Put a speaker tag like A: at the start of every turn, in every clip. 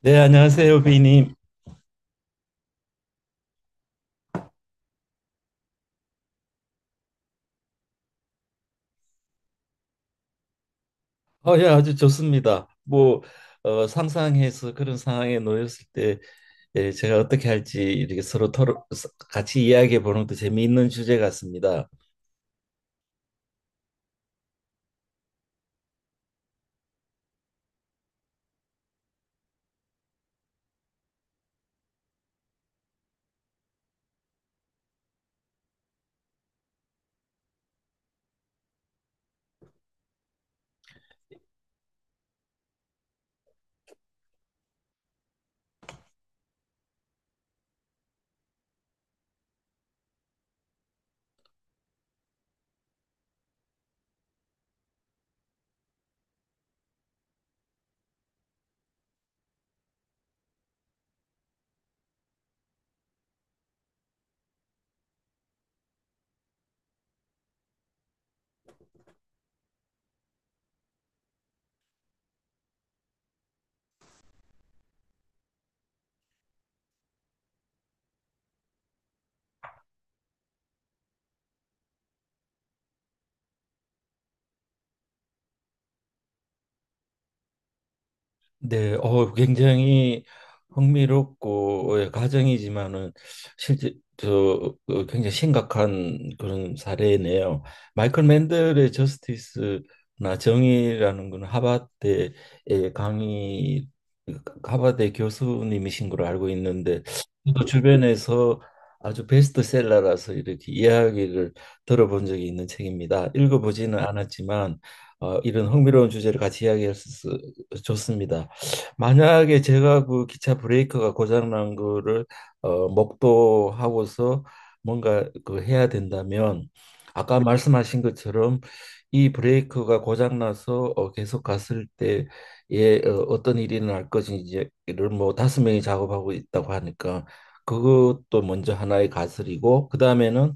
A: 네, 안녕하세요, 비님. 예, 아주 좋습니다. 뭐 상상해서 그런 상황에 놓였을 때 예, 제가 어떻게 할지 이렇게 서로 토론, 같이 이야기해 보는 것도 재미있는 주제 같습니다. 네, 굉장히 흥미롭고 예, 가정이지만은 실제 저 굉장히 심각한 그런 사례네요. 마이클 맨델의 저스티스나 정의라는 건 하버드의 강의 하버드 교수님이신 걸로 알고 있는데 저 주변에서 아주 베스트셀러라서 이렇게 이야기를 들어본 적이 있는 책입니다. 읽어보지는 않았지만 이런 흥미로운 주제를 같이 이야기할 수 있어 좋습니다. 만약에 제가 그 기차 브레이크가 고장 난 거를 목도하고서 뭔가 그 해야 된다면 아까 말씀하신 것처럼 이 브레이크가 고장 나서 계속 갔을 때에 어떤 일이 날 것인지를 뭐 다섯 명이 작업하고 있다고 하니까 그것도 먼저 하나의 가설이고 그 다음에는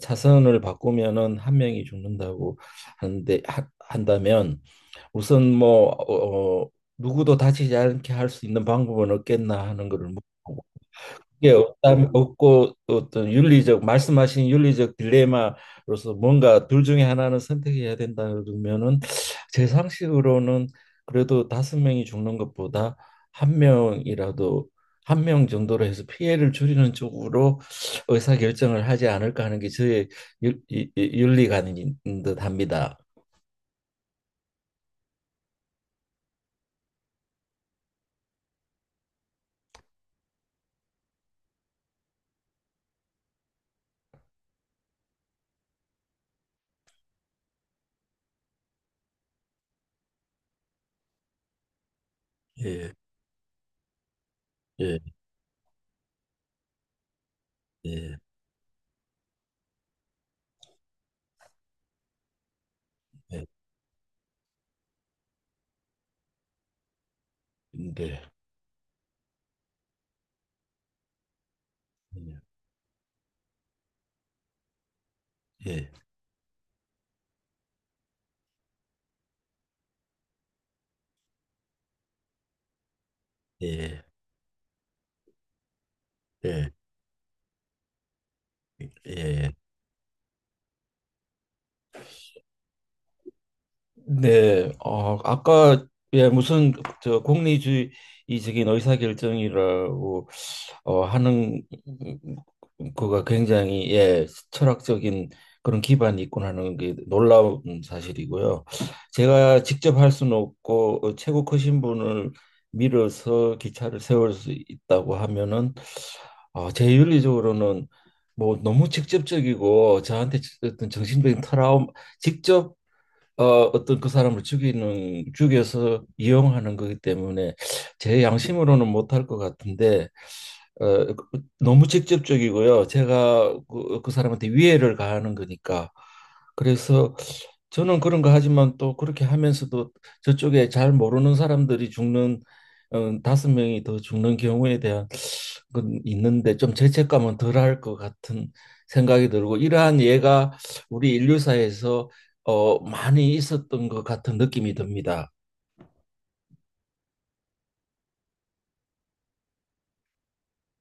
A: 차선을 바꾸면은 한 명이 죽는다고 하는데 한다면 우선 뭐 누구도 다치지 않게 할 수 있는 방법은 없겠나 하는 거를 묻고 그게 없다면 없고 어떤 윤리적 말씀하신 윤리적 딜레마로서 뭔가 둘 중에 하나는 선택해야 된다 그러면은 제 상식으로는 그래도 다섯 명이 죽는 것보다 한 명이라도 한 명 정도로 해서 피해를 줄이는 쪽으로 의사 결정을 하지 않을까 하는 게 저의 윤리관인 듯합니다. 예, 예, 예. 예. 네. 예. 예. 예. 예. 네, 아까 예 무슨 저 공리주의적인 의사결정이라고 하는 그가 굉장히 예 철학적인 그런 기반이 있군 하는 게 놀라운 사실이고요. 제가 직접 할 수는 없고 최고 크신 분을 밀어서 기차를 세울 수 있다고 하면은 제 윤리적으로는 뭐 너무 직접적이고 저한테 어떤 정신적인 트라우마 직접 어, 어떤 그 사람을 죽이는 죽여서 이용하는 거기 때문에 제 양심으로는 못할 것 같은데 너무 직접적이고요. 제가 그 사람한테 위해를 가하는 거니까 그래서 저는 그런 거 하지만 또 그렇게 하면서도 저쪽에 잘 모르는 사람들이 죽는 다섯 명이 더 죽는 경우에 대한 건 있는데 좀 죄책감은 덜할 것 같은 생각이 들고 이러한 예가 우리 인류사에서 많이 있었던 것 같은 느낌이 듭니다.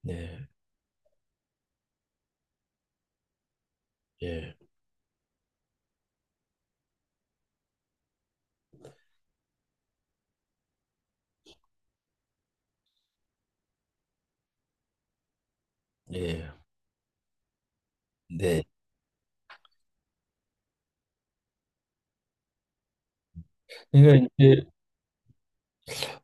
A: 네, 예, 예, 네. 그러니까 이제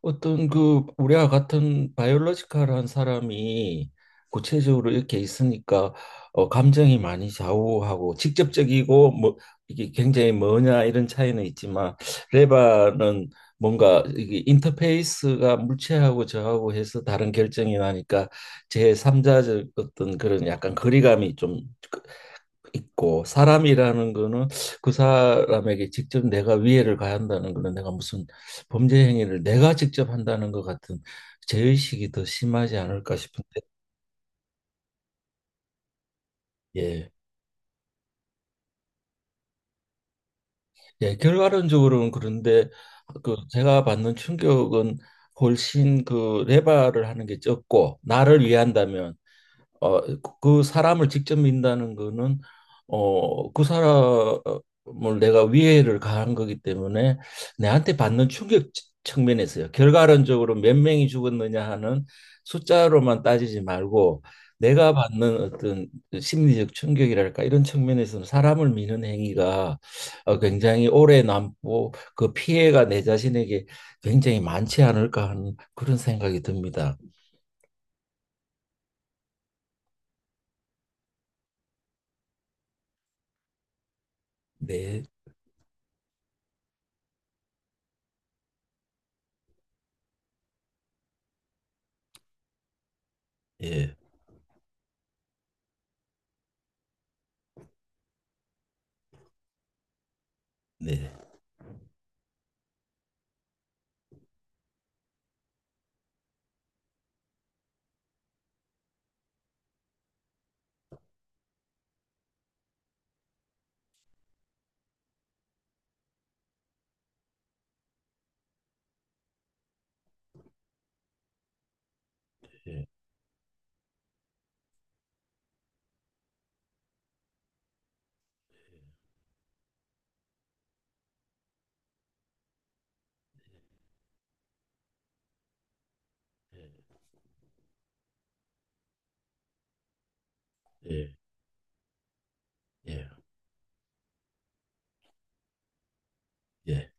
A: 어떤 그 우리와 같은 바이올로지컬한 사람이 구체적으로 이렇게 있으니까 감정이 많이 좌우하고 직접적이고 뭐 이게 굉장히 뭐냐 이런 차이는 있지만 레바는 뭔가 이게 인터페이스가 물체하고 저하고 해서 다른 결정이 나니까 제3자적 어떤 그런 약간 거리감이 좀 그 있고 사람이라는 거는 그 사람에게 직접 내가 위해를 가한다는 거는 내가 무슨 범죄 행위를 내가 직접 한다는 것 같은 죄의식이 더 심하지 않을까 싶은데 예, 예 결과론적으로는 그런데 그 제가 받는 충격은 훨씬 그 레바를 하는 게 적고 나를 위한다면 어, 그 사람을 직접 민다는 거는 그 사람을 내가 위해를 가한 거기 때문에 내한테 받는 충격 측면에서요. 결과론적으로 몇 명이 죽었느냐 하는 숫자로만 따지지 말고 내가 받는 어떤 심리적 충격이랄까 이런 측면에서는 사람을 미는 행위가 굉장히 오래 남고 그 피해가 내 자신에게 굉장히 많지 않을까 하는 그런 생각이 듭니다. 네, 예, 네. 예. 예. 예, 예.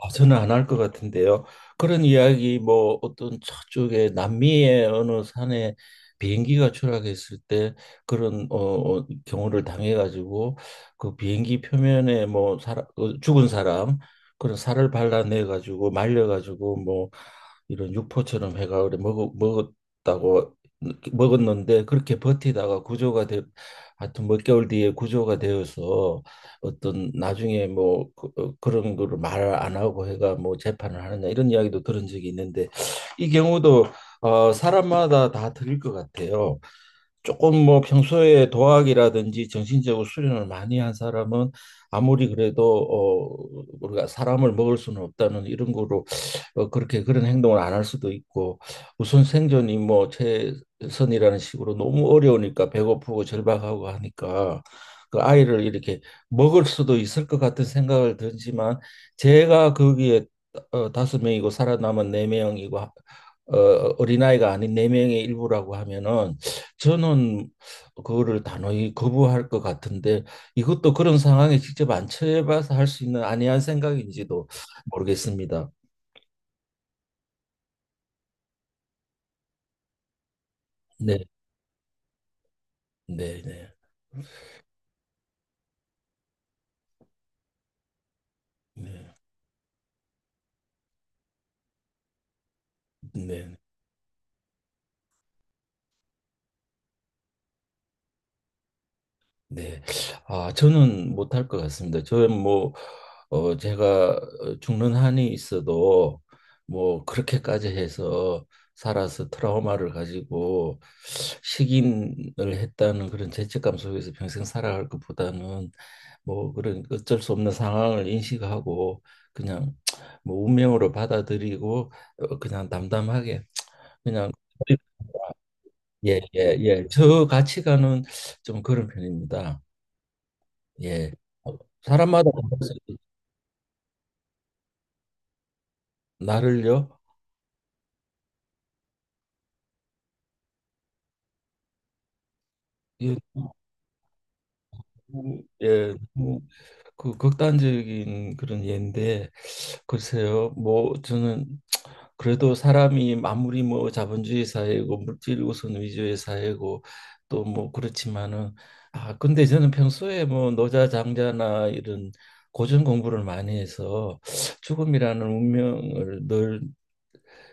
A: 아, 저는 안 할 것 같은데요. 그런 이야기 뭐 어떤 저쪽에 남미의 어느 산에 비행기가 추락했을 때 그런 경우를 당해가지고 그 비행기 표면에 뭐 사람 죽은 사람 그런 살을 발라내가지고 말려가지고 뭐 이런 육포처럼 해가 그래 먹 먹었다고 먹었는데 그렇게 버티다가 구조가 돼 하여튼 몇 개월 뒤에 구조가 되어서 어떤 나중에 뭐 그런 거를 말 안 하고 해가 뭐 재판을 하느냐 이런 이야기도 들은 적이 있는데 이 경우도 사람마다 다 틀릴 것 같아요. 조금 뭐 평소에 도학이라든지 정신적으로 수련을 많이 한 사람은 아무리 그래도 우리가 사람을 먹을 수는 없다는 이런 거로 그렇게 그런 행동을 안 할 수도 있고 우선 생존이 뭐 최선이라는 식으로 너무 어려우니까 배고프고 절박하고 하니까 그 아이를 이렇게 먹을 수도 있을 것 같은 생각을 들지만 제가 거기에 다섯 명이고 살아남은 네 명이고 어, 어린아이가 아닌 네 명의 일부라고 하면은 저는 그거를 단호히 거부할 것 같은데 이것도 그런 상황에 직접 안 처해봐서 할 수 있는 안이한 생각인지도 모르겠습니다. 네. 네네. 네, 네, 네. 아, 저는 못할 것 같습니다. 저는 뭐, 제가 죽는 한이 있어도 뭐, 그렇게까지 해서 살아서 트라우마를 가지고 식인을 했다는 그런 죄책감 속에서 평생 살아갈 것보다는 뭐, 그런 어쩔 수 없는 상황을 인식하고 그냥 뭐, 운명으로 받아들이고 그냥 담담하게 그냥 예, 예, 예. 저 가치관은 좀 그런 편입니다. 예. 사람마다 다르죠. 나를요. 예, 너무, 예, 너무 그 극단적인 그런 예인데 글쎄요. 뭐 저는 그래도 사람이 아무리 뭐 자본주의 사회고 물질 우선 위주의 사회고 또 뭐 그렇지만은 아 근데 저는 평소에 뭐 노자 장자나 이런 고전 공부를 많이 해서 죽음이라는 운명을 늘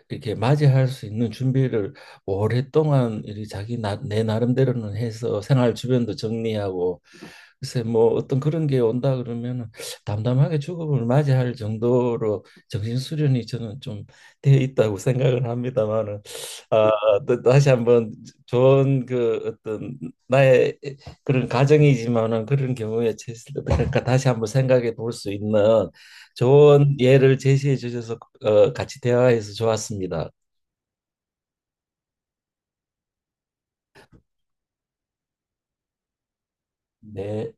A: 이렇게 맞이할 수 있는 준비를 오랫동안 이 자기 내 나름대로는 해서 생활 주변도 정리하고 글쎄 뭐 어떤 그런 게 온다 그러면은 담담하게 죽음을 맞이할 정도로 정신 수련이 저는 좀 돼 있다고 생각을 합니다만은 아, 또 다시 한번 좋은 그 어떤 나의 그런 가정이지만은 그런 경우에 처했을 때 어떨까 다시 한번 생각해 볼 수 있는 좋은 예를 제시해 주셔서 같이 대화해서 좋았습니다. 네.